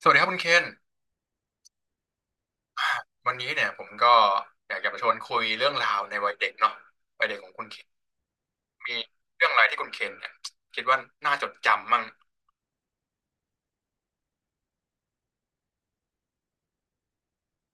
สวัสดีครับคุณเคนวันนี้เนี่ยผมก็อยากจะมาชวนคุยเรื่องราวในวัยเด็กเนาะวัยเด็กของคุณเคนมีเรื่องอะไรที่คุณเคนเนี่ยคิดว่าน่าจดจำมั่ง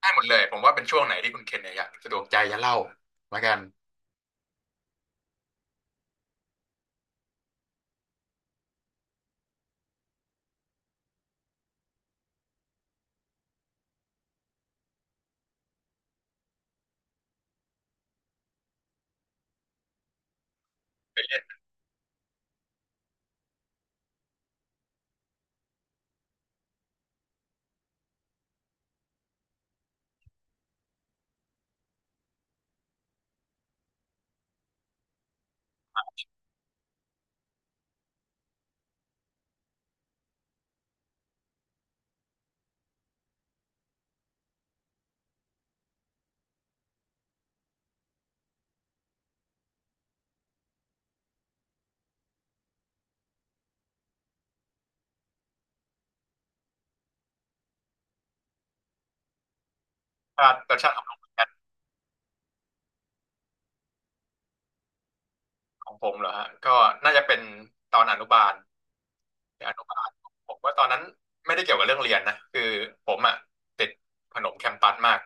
ได้หมดเลยผมว่าเป็นช่วงไหนที่คุณเคนเนี่ยอยากสะดวกใจจะเล่าละกันเป็นเรื่องชาติประชาติของผมของผมเหรอฮะก็น่าจะเป็นตอนอนุบาลอนุบาลผมว่าตอนนั้นไม่ได้เกี่ยวกับเรื่องเรียนนะคือผมอ่ะติดขนมแคมปัสมาก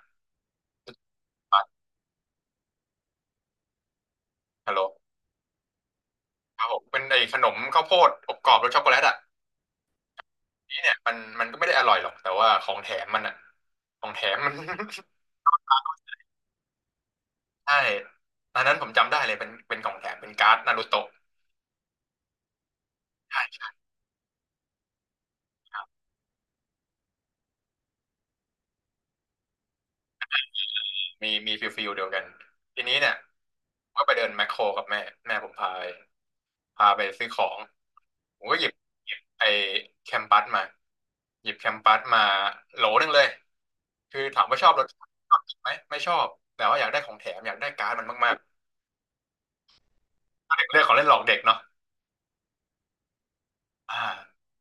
ปัสฮัลโหลครับผมเป็นไอ้ขนมข้าวโพดอบกรอบรสช็อกโกแลตอ่ะ นี่เนี่ยมันก็ไม่ได้อร่อยหรอกแต่ว่าของแถมมันอะของแถมมัน ใช่ตอนนั้นผมจำได้เลยเป็นของแถมเป็นการ์ดนารูโตะใช่มีฟิลเดียวกันทีนี้เนี่ยก็ไปเดินแมคโครกับแม่แม่ผมพาไปพาไปซื้อของผมก็หยิบหยิบไอ้แคมปัสมาหยิบแคมปัสมาโหลหนึงเลยคือถามว่าชอบรสชาติชอบกินไหมไม่ชอบแต่ว่าอยากได้ของแถมอยากได้การ์ดมันมากๆเด็กเรื่องของเล่นหลอกเด็กเนาะอ่า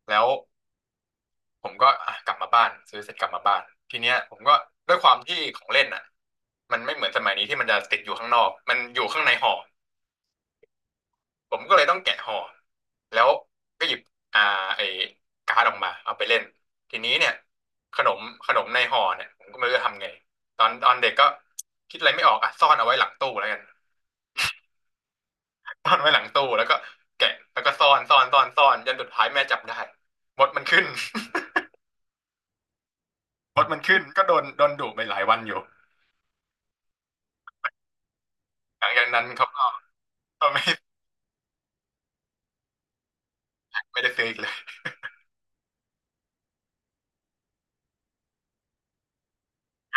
แล้ว ผมก็อ่ะกลับมาบ้านซื้อเสร็จกลับมาบ้านทีเนี้ยผมก็ด้วยความที่ของเล่นอ่ะมันไม่เหมือนสมัยนี้ที่มันจะติดอยู่ข้างนอกมันอยู่ข้างในห่อผมก็เลยต้องแกะห่อแล้วก็หยิบอ่าไอ้การ์ดออกมาเอาไปเล่นทีนี้เนี่ยขนมขนมในห่อเนี่ยผมก็ไม่รู้จะทำไงตอนเด็กก็คิดอะไรไม่ออกอ่ะซ่อนเอาไว้หลังตู้แล้วกัน ซ่อนไว้หลังตู้แล้วก็แกะแล้วก็ซ่อนซ่อนซ่อนซ่อนจนสุดท้ายแม่จับได้มดมันขึ้น มดมันขึ้นก็โดนดุไปหลายวันอยู่ หลังจากนั้นเขาก็ก็ไม่ได้ซื้ออีกเลย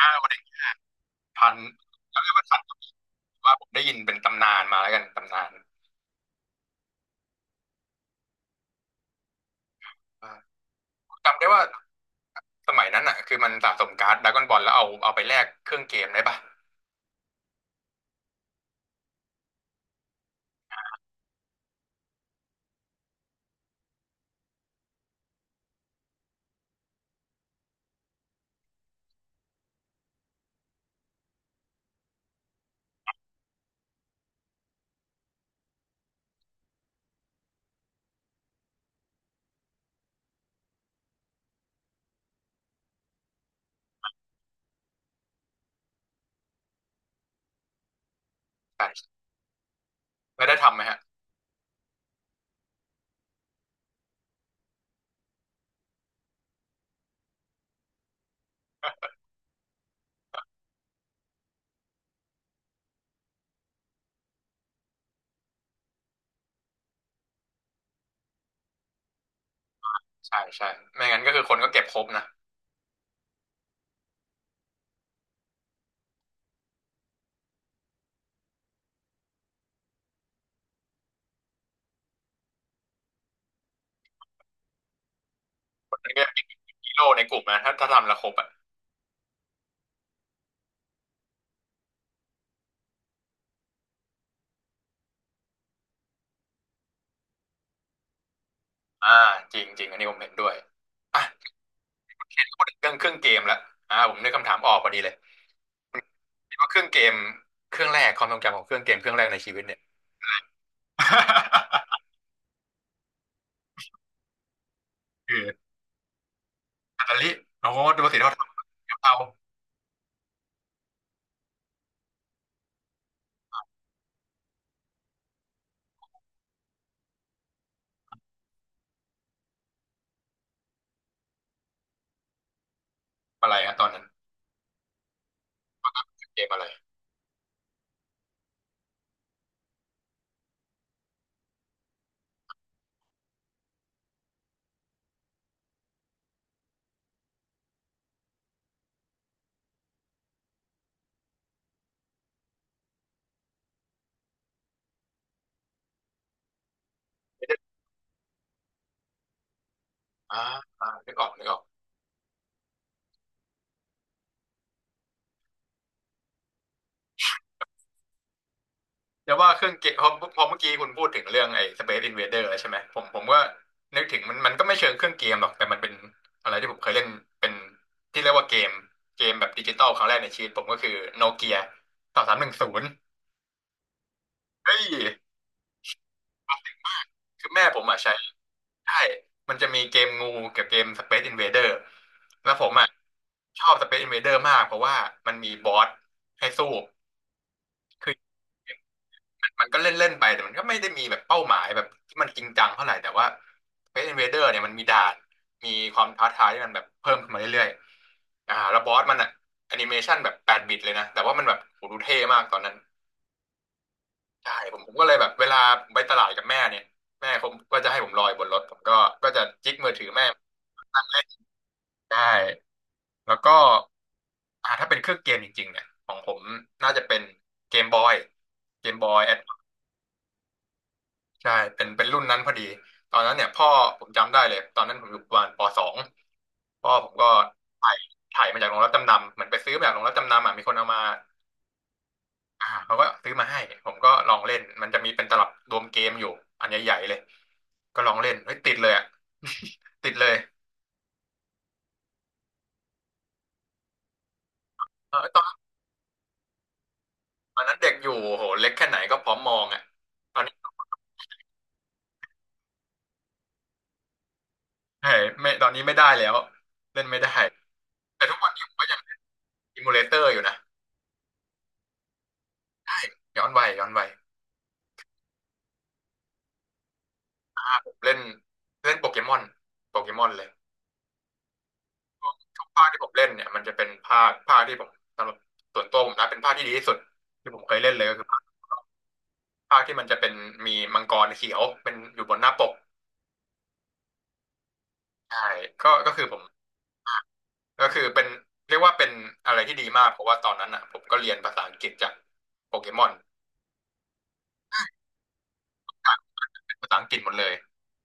ห้าวันเด็กพันแล้วก็พันว่าผมได้ยินเป็นตำนานมาแล้วกันตำนานว่าจำได้ว่าสมัยนั้นอ่ะคือมันสะสมการ์ดดราก้อนบอลแล้วเอาเอาไปแลกเครื่องเกมได้ปะใช่ไม่ได้ทำไหมฮะใช่ใช่ไม่งั้นก็คือคนก็เก็บครบนะมันก็ยัมเป็นฮีโร่ในกลุ่มนะถ้าทำและครบอ่ะอ่าจริงจริงอันนี้ผมเห็นด้วยอ่ะพูดถึงเรื่องเครื่องเกมแล้วอ่าผมนึกคำถามออกพอดีเลยว่าเครื่องเกมเครื่องแรกความทรงจำของเครื่องเกมเครื่องแรกในชีวิตเนี่ย คือ อิตาลีโอ้โหดูสิเราทำกะเพราอะไรฮะตอนนั้นเกมอะไรอ่าอ่านึกออกนึกออกแต่ยว่าเครื่องเกมพอเมื่อกี้คุณพูดถึงเรื่องไอ้ Space Invader แล้วใช่ไหมผมก็นึกถึงมันมันก็ไม่เชิงเครื่องเกมหรอกแต่มันเป็นอะไรที่ผมเคยเล่นเป็นที่เรียกว่าเกมเกมแบบดิจิตอลครั้งแรกในชีวิตผมก็คือโนเกีย2310เฮ้ยคือแม่ผมอ่ะใช้ใช่มันจะมีเกมงูกับเกม Space Invader แล้วผมอ่ะชอบ Space Invader มากเพราะว่ามันมีบอสให้สู้ มันก็เล่นเล่นไปแต่มันก็ไม่ได้มีแบบเป้าหมายแบบที่มันจริงจังเท่าไหร่แต่ว่า Space Invader เนี่ยมันมีด่านมีความท้าทายที่มันแบบเพิ่มขึ้นมาเรื่อยๆอ่าแล้วบอสมันอะแอนิเมชันแบบ8 บิตเลยนะแต่ว่ามันแบบโหดูเท่มากตอนนั้นใช่ผมก็เลยแบบเวลาไปตลาดกับแม่เนี่ยแม่เขาก็จะให้ผมลอยบนรถผมก็ก็จะจิกมือถือแม่นั่งเล่นได้แล้วก็อ่าถ้าเป็นเครื่องเกมจริงๆเนี่ยของผมน่าจะเป็นเกมบอยเกมบอยแอด ใช่เป็นรุ่นนั้นพอดี ตอนนั้นเนี่ยพ่อผมจำได้เลย ตอนนั้นผมอยู่ประมาณป.2พ่อผมก็ถ่ายถ่ายมาจากโรงรับจำนำ เหมือนไปซื้อมาจากโรงรับจำนำอ่ะมีคนเอามาอ่าเขาก็ซื้อมาให้ ผมก็ลองเล่น มันจะมีเป็นตลับรวมเกมอยู่ อันใหญ่ๆเลย ก็ลองเล่นเฮ้ยติดเลยอ่ะ ติดเลยเออตอนตอนนั้นเด็กอยู่โหเล็กแค่ไหนก็พร้อมมองอ่ะตอนนี้เฮ้ยไม่ตอนนี้ไม่ได้แล้วเล่นไม่ได้แต่ทุกวันนี้ผมก็ยังอิมูเลเตอร์อยู่นะย้อนวัยย้อนวัย เล่นเล่นโปเกมอนโปเกมอนเลยทุกภาคที่ผมเล่นเนี่ยมันจะเป็นภาคที่ผมสำหรับส่วนตัวผมนะเป็นภาคที่ดีที่สุดที่ผมเคยเล่นเลยก็คือภาคภาคที่มันจะเป็นมีมังกรเขียวเป็นอยู่บนหน้าปกใช่ก็คือผมก็คือเป็นเรียกว่าเป็นอะไรที่ดีมากเพราะว่าตอนนั้นอ่ะผมก็เรียนภาษาอังกฤษจากโปเกมอนเป็นภาษาอังกฤษหมดเลย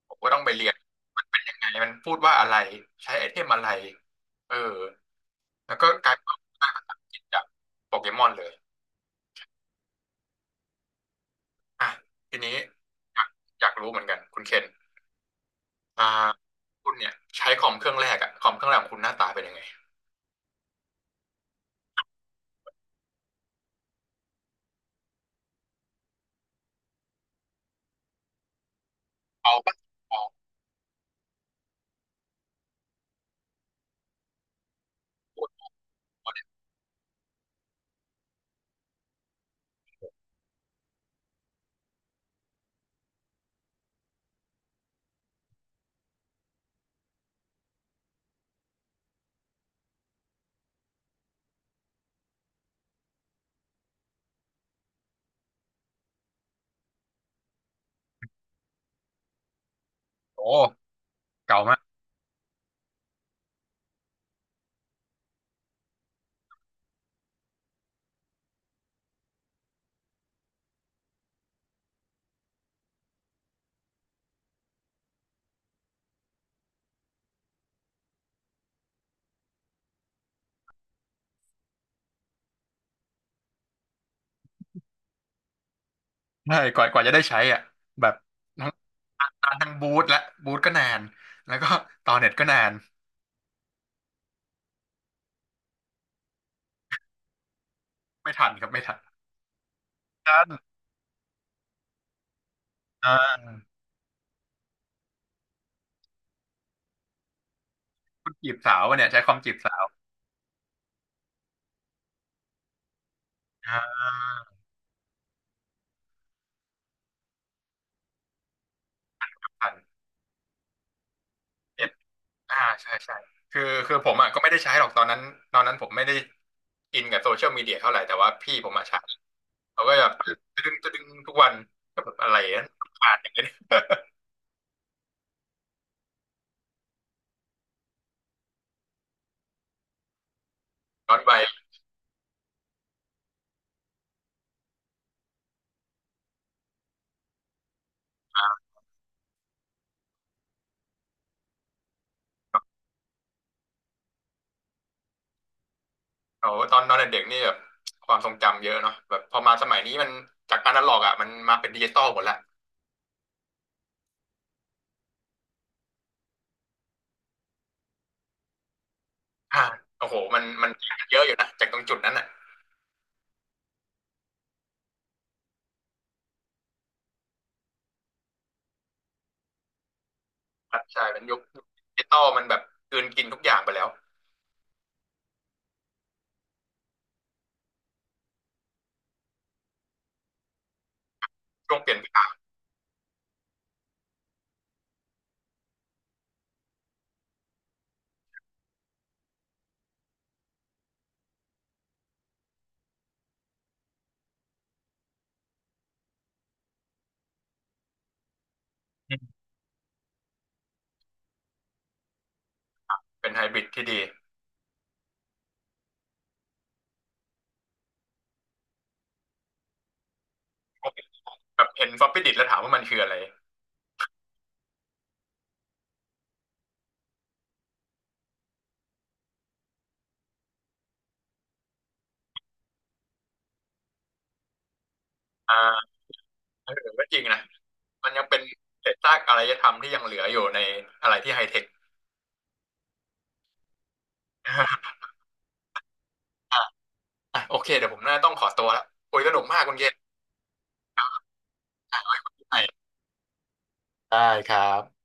ผมก็ต้องไปเรียนมันเป็นยังไงมันพูดว่าอะไรใช้ไอเทมอะไรเออแล้วก็กลายเป็นว่าได้ภาษาอังกฤษจากโปเกมอนเลย อ่ะทีนี้อยากอยากรู้เหมือนกันคุณเคนอ่าคุณเนี่ยใช้คอมเครื่องแรกอะคอมเครื่องแรกของคุณหน้าตาเป็นยังไงเก่าปะเก่าโคตรเก่าเลยโอ้เก่ามากใช่กว่าจะได้ใช้อ่ะแบบทั้งนานทั้งบูทและบูทก็นานแล้วก็ต่อเน็ตก็นานไม่ทันครับไม่ทันทันอ่าคุณจีบสาววะเนี่ยใช้คอมจีบสาวอ่าทันเอ็ดอ่าใช่ใช่คือคือผมอ่ะก็ไม่ได้ใช้หรอกตอนนั้นตอนนั้นผมไม่ได้อินกับโซเชียลมีเดียเท่าไหร่แต่ว่าพี่ผมอ่ะใช้ เขาก็แบบตะดึงตะดึงทุกวันก็แบบอะไรนะผ่านอย่างเงี้ย ย้อนไปเอาตอนตอนเด็กๆนี่แบบความทรงจำเยอะเนาะแบบพอมาสมัยนี้มันจากอนาล็อกอ่ะมันมาเป็นดิจิตอลหมดละอ่าโอ้โหมันมันเยอะอยู่นะจากตรงจุดนั้นอ่ะครับใช่มันยุคดิจิตอลมันแบบกลืนกินทุกอย่างไปแล้วช่วงเปลี่ยนผ่านอืมเป็นไฮบริดที่ดีแบบเห็นฟอปปี้ดิสแล้วถามว่ามันคืออะไรอ่าเออก็จริงนะมันยังเป็นเศษซากอารยธรรมที่ยังเหลืออยู่ในอะไรที่ไฮเทค อ่ะโอเคเดี๋ยวผมน่าต้องขอตัวแล้วโอ้ยสนุกมากคุณเกศใหม่ได้ครับ